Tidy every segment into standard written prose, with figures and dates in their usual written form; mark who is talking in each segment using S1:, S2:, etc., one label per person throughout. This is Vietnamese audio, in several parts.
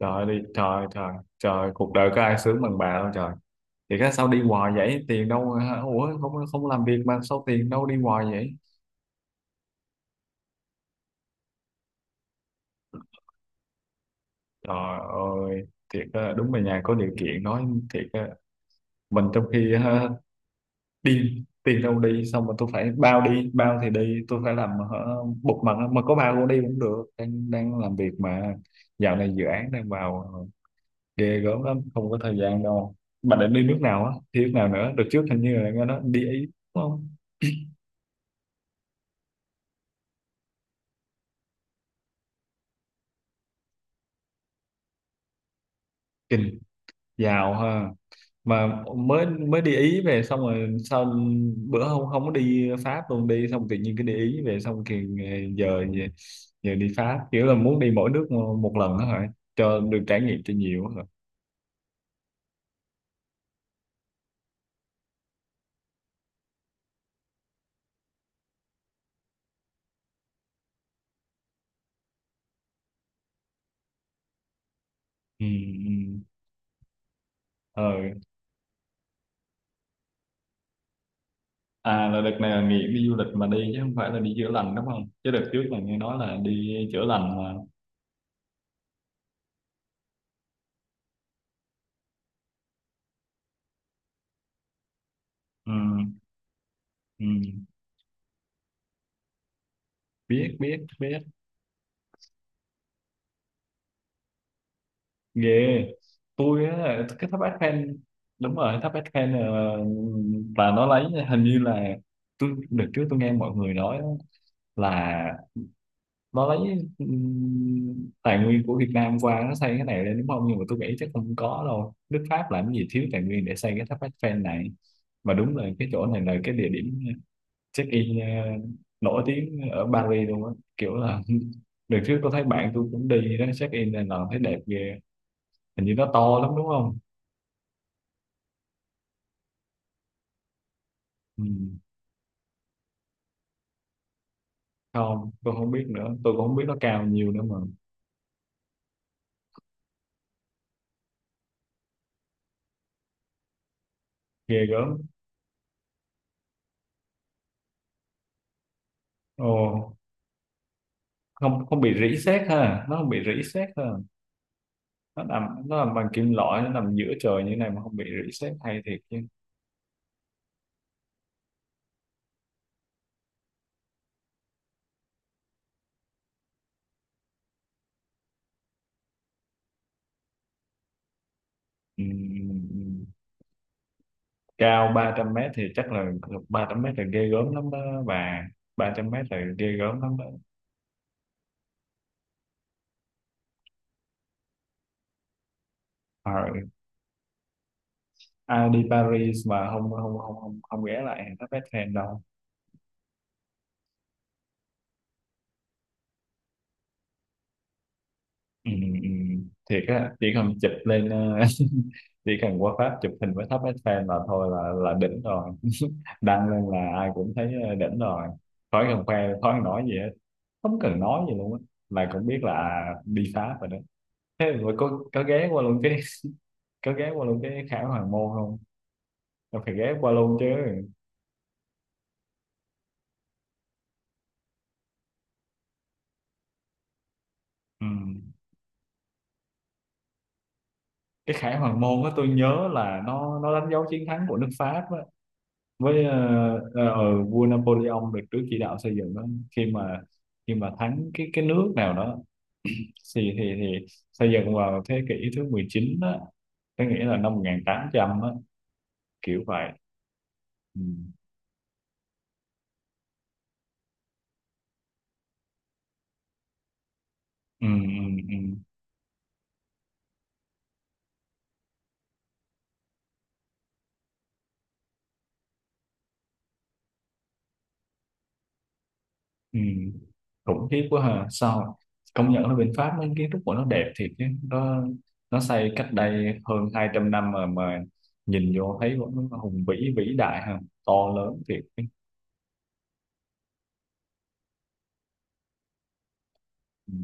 S1: Trời đi trời trời trời cuộc đời có ai sướng bằng bà đâu trời. Thì cái sao đi hoài vậy, tiền đâu hả? Ủa, không, không làm việc mà sao tiền đâu đi hoài vậy? Trời ơi, thiệt á, đúng là nhà có điều kiện nói thiệt á, mình trong khi ha đi tiền đâu đi xong mà tôi phải bao đi, bao thì đi, tôi phải làm hả, bục mặt, mà có bao cũng đi cũng được, đang đang làm việc mà. Dạo này dự án đang vào ghê gớm lắm, không có thời gian đâu. Mà định đi nước nào á, đi nước nào nữa, được trước hình như là nghe nói đi Ý đúng không? Kinh, giàu ha. Mà mới mới đi Ý về xong rồi sao bữa không, không có đi Pháp luôn đi, xong tự nhiên cái đi Ý về xong thì giờ giờ giờ đi Pháp, kiểu là muốn đi mỗi nước một lần đó hả, cho được trải nghiệm cho nhiều á hả? Ừ, ừ. Ờ. À, là đợt này là nghỉ đi du lịch mà đi chứ không phải là đi chữa lành đúng không, chứ đợt trước là nghe nói là đi chữa lành mà. Ừ, ừ. Biết, biết, biết. Ghê. Tôi á, cái tháp bát khen, đúng rồi, tháp bát khen là nó lấy hình như là, tôi được trước tôi nghe mọi người nói á, là nó lấy tài nguyên của Việt Nam qua nó xây cái này lên đúng không, nhưng mà tôi nghĩ chắc không có đâu, nước Pháp làm gì thiếu tài nguyên để xây cái tháp Eiffel này. Mà đúng là cái chỗ này là cái địa điểm check in nổi tiếng ở Paris luôn á, kiểu là đợt trước tôi thấy bạn tôi cũng đi đó check in là thấy đẹp ghê. Hình như nó to lắm đúng không? Ừ. Không, tôi không biết nữa. Tôi cũng không biết nó cao nhiều nữa mà. Ghê gớm. Ồ, không, không bị rỉ sét ha. Nó không bị rỉ sét ha. Nó nằm, nó nằm bằng kim loại, nó nằm giữa trời như này mà không bị rỉ sét hay, thiệt chứ. Ừ, ừ, ừ. Cao 300 mét thì chắc là 300 mét là ghê gớm lắm đó bà. 300 mét là ghê gớm lắm đó. Ờ. Ai đi Paris mà không không không không, không ghé lại tháp Eiffel đâu. Ừ, ừ, ừ. Thiệt á, chỉ cần chụp lên chỉ cần qua Pháp chụp hình với tháp Eiffel là thôi, là đỉnh rồi, đăng lên là ai cũng thấy đỉnh rồi, khỏi cần khoe, khỏi cần nói gì hết, không cần nói gì luôn á, là cũng biết là đi Pháp rồi đó. Thế rồi có ghé qua luôn cái có ghé qua luôn cái Khải Hoàng Môn không? Là phải ghé qua luôn chứ. Ừ. Cái Khải Hoàng Môn á, tôi nhớ là nó đánh dấu chiến thắng của nước Pháp với vua Napoleon được Đức chỉ đạo xây dựng đó, khi mà khi mà thắng cái nước nào đó thì xây dựng vào thế kỷ thứ 19 đó, có nghĩa là năm 1800 á, kiểu vậy. Ừ. Ừ, ừ, ừ, ừ. Khủng khiếp quá ha, sao công nhận là bên Pháp mấy kiến trúc của nó đẹp thiệt chứ, nó xây cách đây hơn 200 năm mà, nhìn vô thấy nó hùng vĩ, vĩ đại ha, to lớn thiệt chứ. Ừ.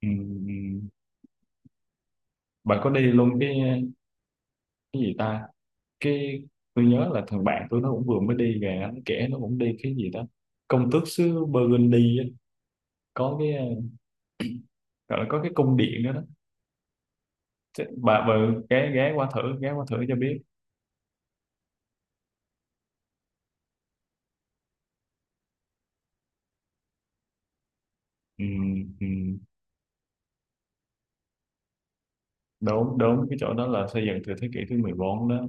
S1: Ừ. Ừ. Bạn có đi luôn cái gì ta, cái tôi nhớ là thằng bạn tôi nó cũng vừa mới đi về, nó kể nó cũng đi cái gì đó, công tước xứ Burgundy á. Có cái gọi là có cái cung điện đó đó. Chứ bà ghé ghé qua thử cho biết. Ừ, ừ. Đúng, đúng, cái chỗ đó là xây dựng từ thế kỷ thứ 14 đó.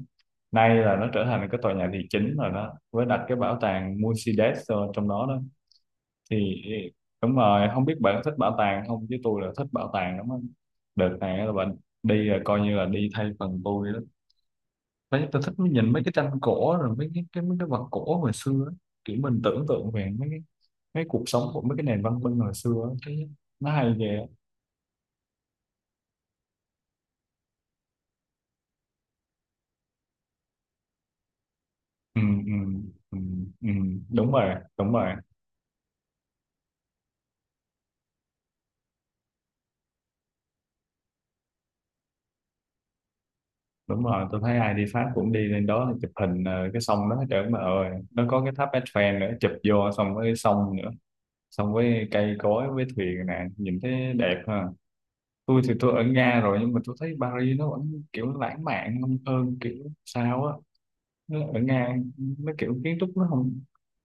S1: Nay là nó trở thành cái tòa nhà thị chính rồi đó, với đặt cái bảo tàng Mercedes trong đó đó thì đúng rồi. Không biết bạn thích bảo tàng không chứ tôi là thích bảo tàng lắm á. Đợt này là bạn đi là coi như là đi thay phần tôi đó. Đấy, tôi thích nhìn mấy cái tranh cổ rồi mấy cái mấy cái vật cổ hồi xưa á, kiểu mình tưởng tượng về mấy cái mấy cuộc sống của mấy cái nền văn minh hồi xưa á. Thấy nó hay ghê á. Ừ, ừ, ừ, ừ. Đúng rồi, đúng rồi. Đúng rồi, tôi thấy ai đi Pháp cũng đi lên đó chụp hình cái sông đó, trời ơi mà ơi, nó có cái tháp Eiffel nữa chụp vô, xong cái sông nữa, xong với cây cối với thuyền nè, nhìn thấy đẹp ha. Tôi thì tôi ở Nga rồi, nhưng mà tôi thấy Paris nó vẫn kiểu lãng mạn hơn, kiểu sao á. Nó ở Nga nó kiểu kiến trúc nó không,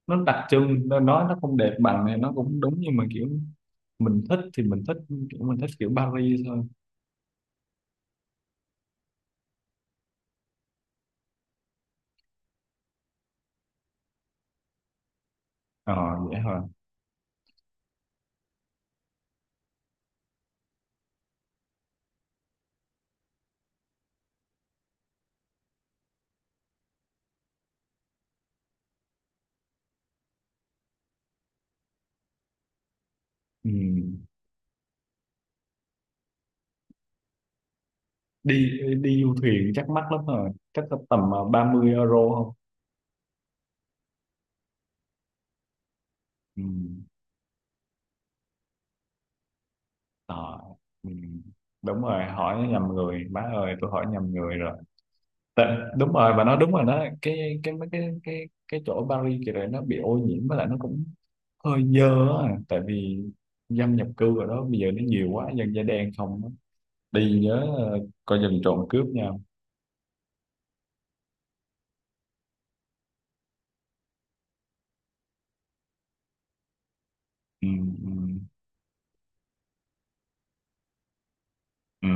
S1: nó đặc trưng nó nói nó không đẹp bằng này nó cũng đúng, nhưng mà kiểu mình thích thì mình thích, kiểu mình thích kiểu Paris thôi. Ờ, vậy hả. Ừ. đi đi du thuyền chắc mắc lắm rồi, chắc là tầm 30 euro không? Ừ. Ờ. Ừ. Đúng rồi, hỏi nhầm người, má ơi tôi hỏi nhầm người rồi. Tại, đúng rồi bà nói đúng rồi đó, cái mấy cái chỗ ở Paris kìa này, nó bị ô nhiễm với lại nó cũng hơi dơ á, tại vì dân nhập cư ở đó bây giờ nó nhiều quá, dân da đen không á. Đi nhớ coi chừng trộm cướp nha. Ừ, ừ, ừ,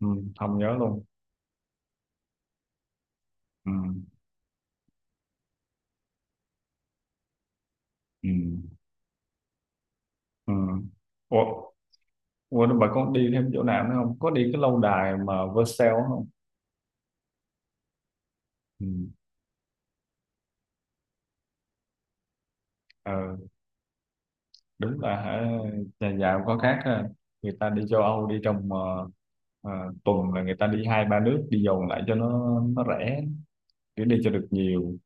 S1: ừ, không nhớ luôn. Ừ, ừ, ừ. Ủa, ủa bà có đi thêm chỗ nào nữa không, có đi cái lâu đài mà Versailles không? Ừ. Ờ. Đúng là hả, nhà giàu có khác ha. Người ta đi châu Âu đi trong tuần là người ta đi hai ba nước, đi vòng lại cho nó rẻ, để đi cho được nhiều.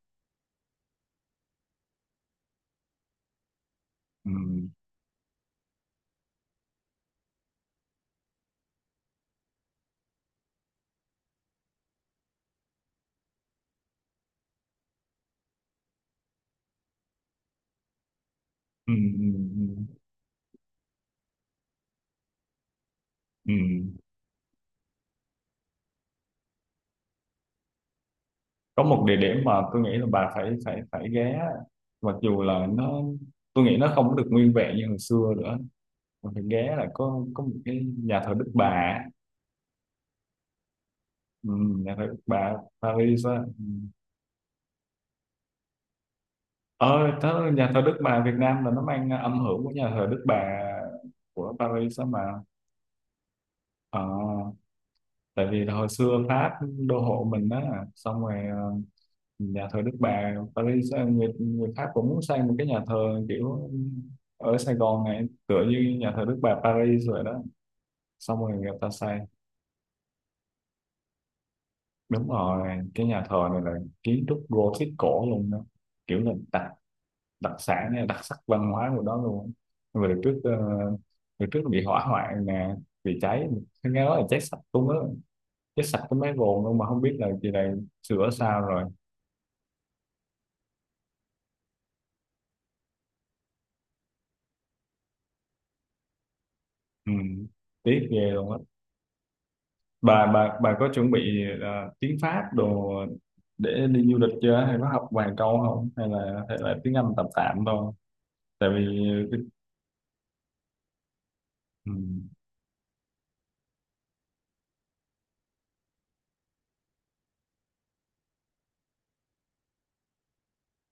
S1: Ừ. Ừ. Ừ. Ừ. Ừ. Có một địa điểm mà tôi nghĩ là bà phải phải phải ghé, mặc dù là nó, tôi nghĩ nó không có được nguyên vẹn như hồi xưa nữa, mà phải ghé là có một cái nhà thờ Đức Bà. Ừ. Nhà thờ Đức Bà Paris á. Ờ tớ, nhà thờ Đức Bà Việt Nam là nó mang âm hưởng của nhà thờ Đức Bà của Paris đó mà. Ờ, tại vì hồi xưa Pháp đô hộ mình đó, xong rồi nhà thờ Đức Bà Paris người Pháp cũng muốn xây một cái nhà thờ kiểu ở Sài Gòn này tựa như nhà thờ Đức Bà Paris rồi đó, xong rồi người ta xây đúng rồi. Cái nhà thờ này là kiến trúc Gothic cổ luôn đó, kiểu là tạc đặc sản hay đặc sắc văn hóa của đó luôn. Về trước về trước bị hỏa hoạn nè, bị cháy, nghe nói là cháy sạch cũng á, cháy sạch cái máy bồn luôn, mà không biết là chị này sửa sao rồi. Ừ. Tiếc ghê luôn á. Bà có chuẩn bị tiếng Pháp đồ để đi du lịch chưa, hay có học vài câu không, hay là hay là tiếng Anh tạm tạm thôi, tại vì cái- ừ.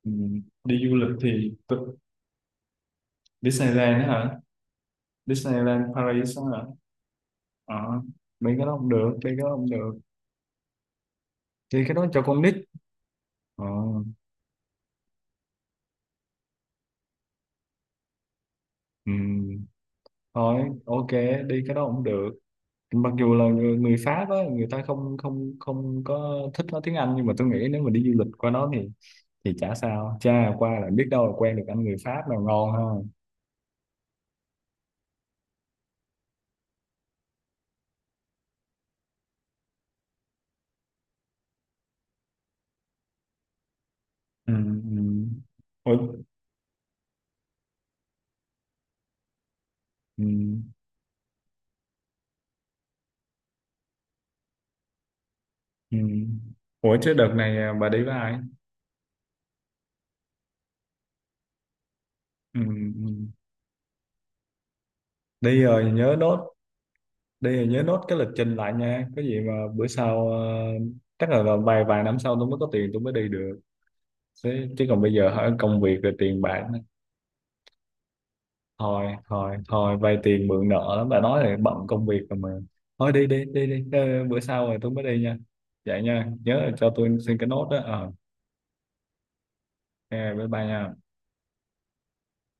S1: Ừ. Đi du lịch thì Disneyland đó hả? Disneyland Paris đó hả? Ờ, mấy cái đó không được, đi cái đó không được, đi cái đó cho con nít. Ờ, ừ. Thôi ok, đi cái đó không được. Mặc dù là người Pháp á, người ta không không không có thích nói tiếng Anh, nhưng mà tôi nghĩ nếu mà đi du lịch qua đó thì chả sao, cha qua là biết đâu là quen được anh người Pháp nào ngon ha. Ừ, ừ. Ủa, ừ, ừ. Ủa chứ đợt này à, bà đi với ai? Ừ, ừ. Đi rồi nhớ nốt, đi thì nhớ nốt cái lịch trình lại nha, có gì mà bữa sau chắc là vào vài vài năm sau tôi mới có tiền tôi mới đi được, chứ còn bây giờ hả, công việc rồi tiền bạc nữa. Thôi thôi thôi vay tiền mượn nợ lắm, bà nói là bận công việc rồi mà, thôi đi đi đi đi ờ, bữa sau rồi tôi mới đi nha, vậy nha, nhớ là cho tôi xin cái nốt đó ờ. Ok, bye bye nha.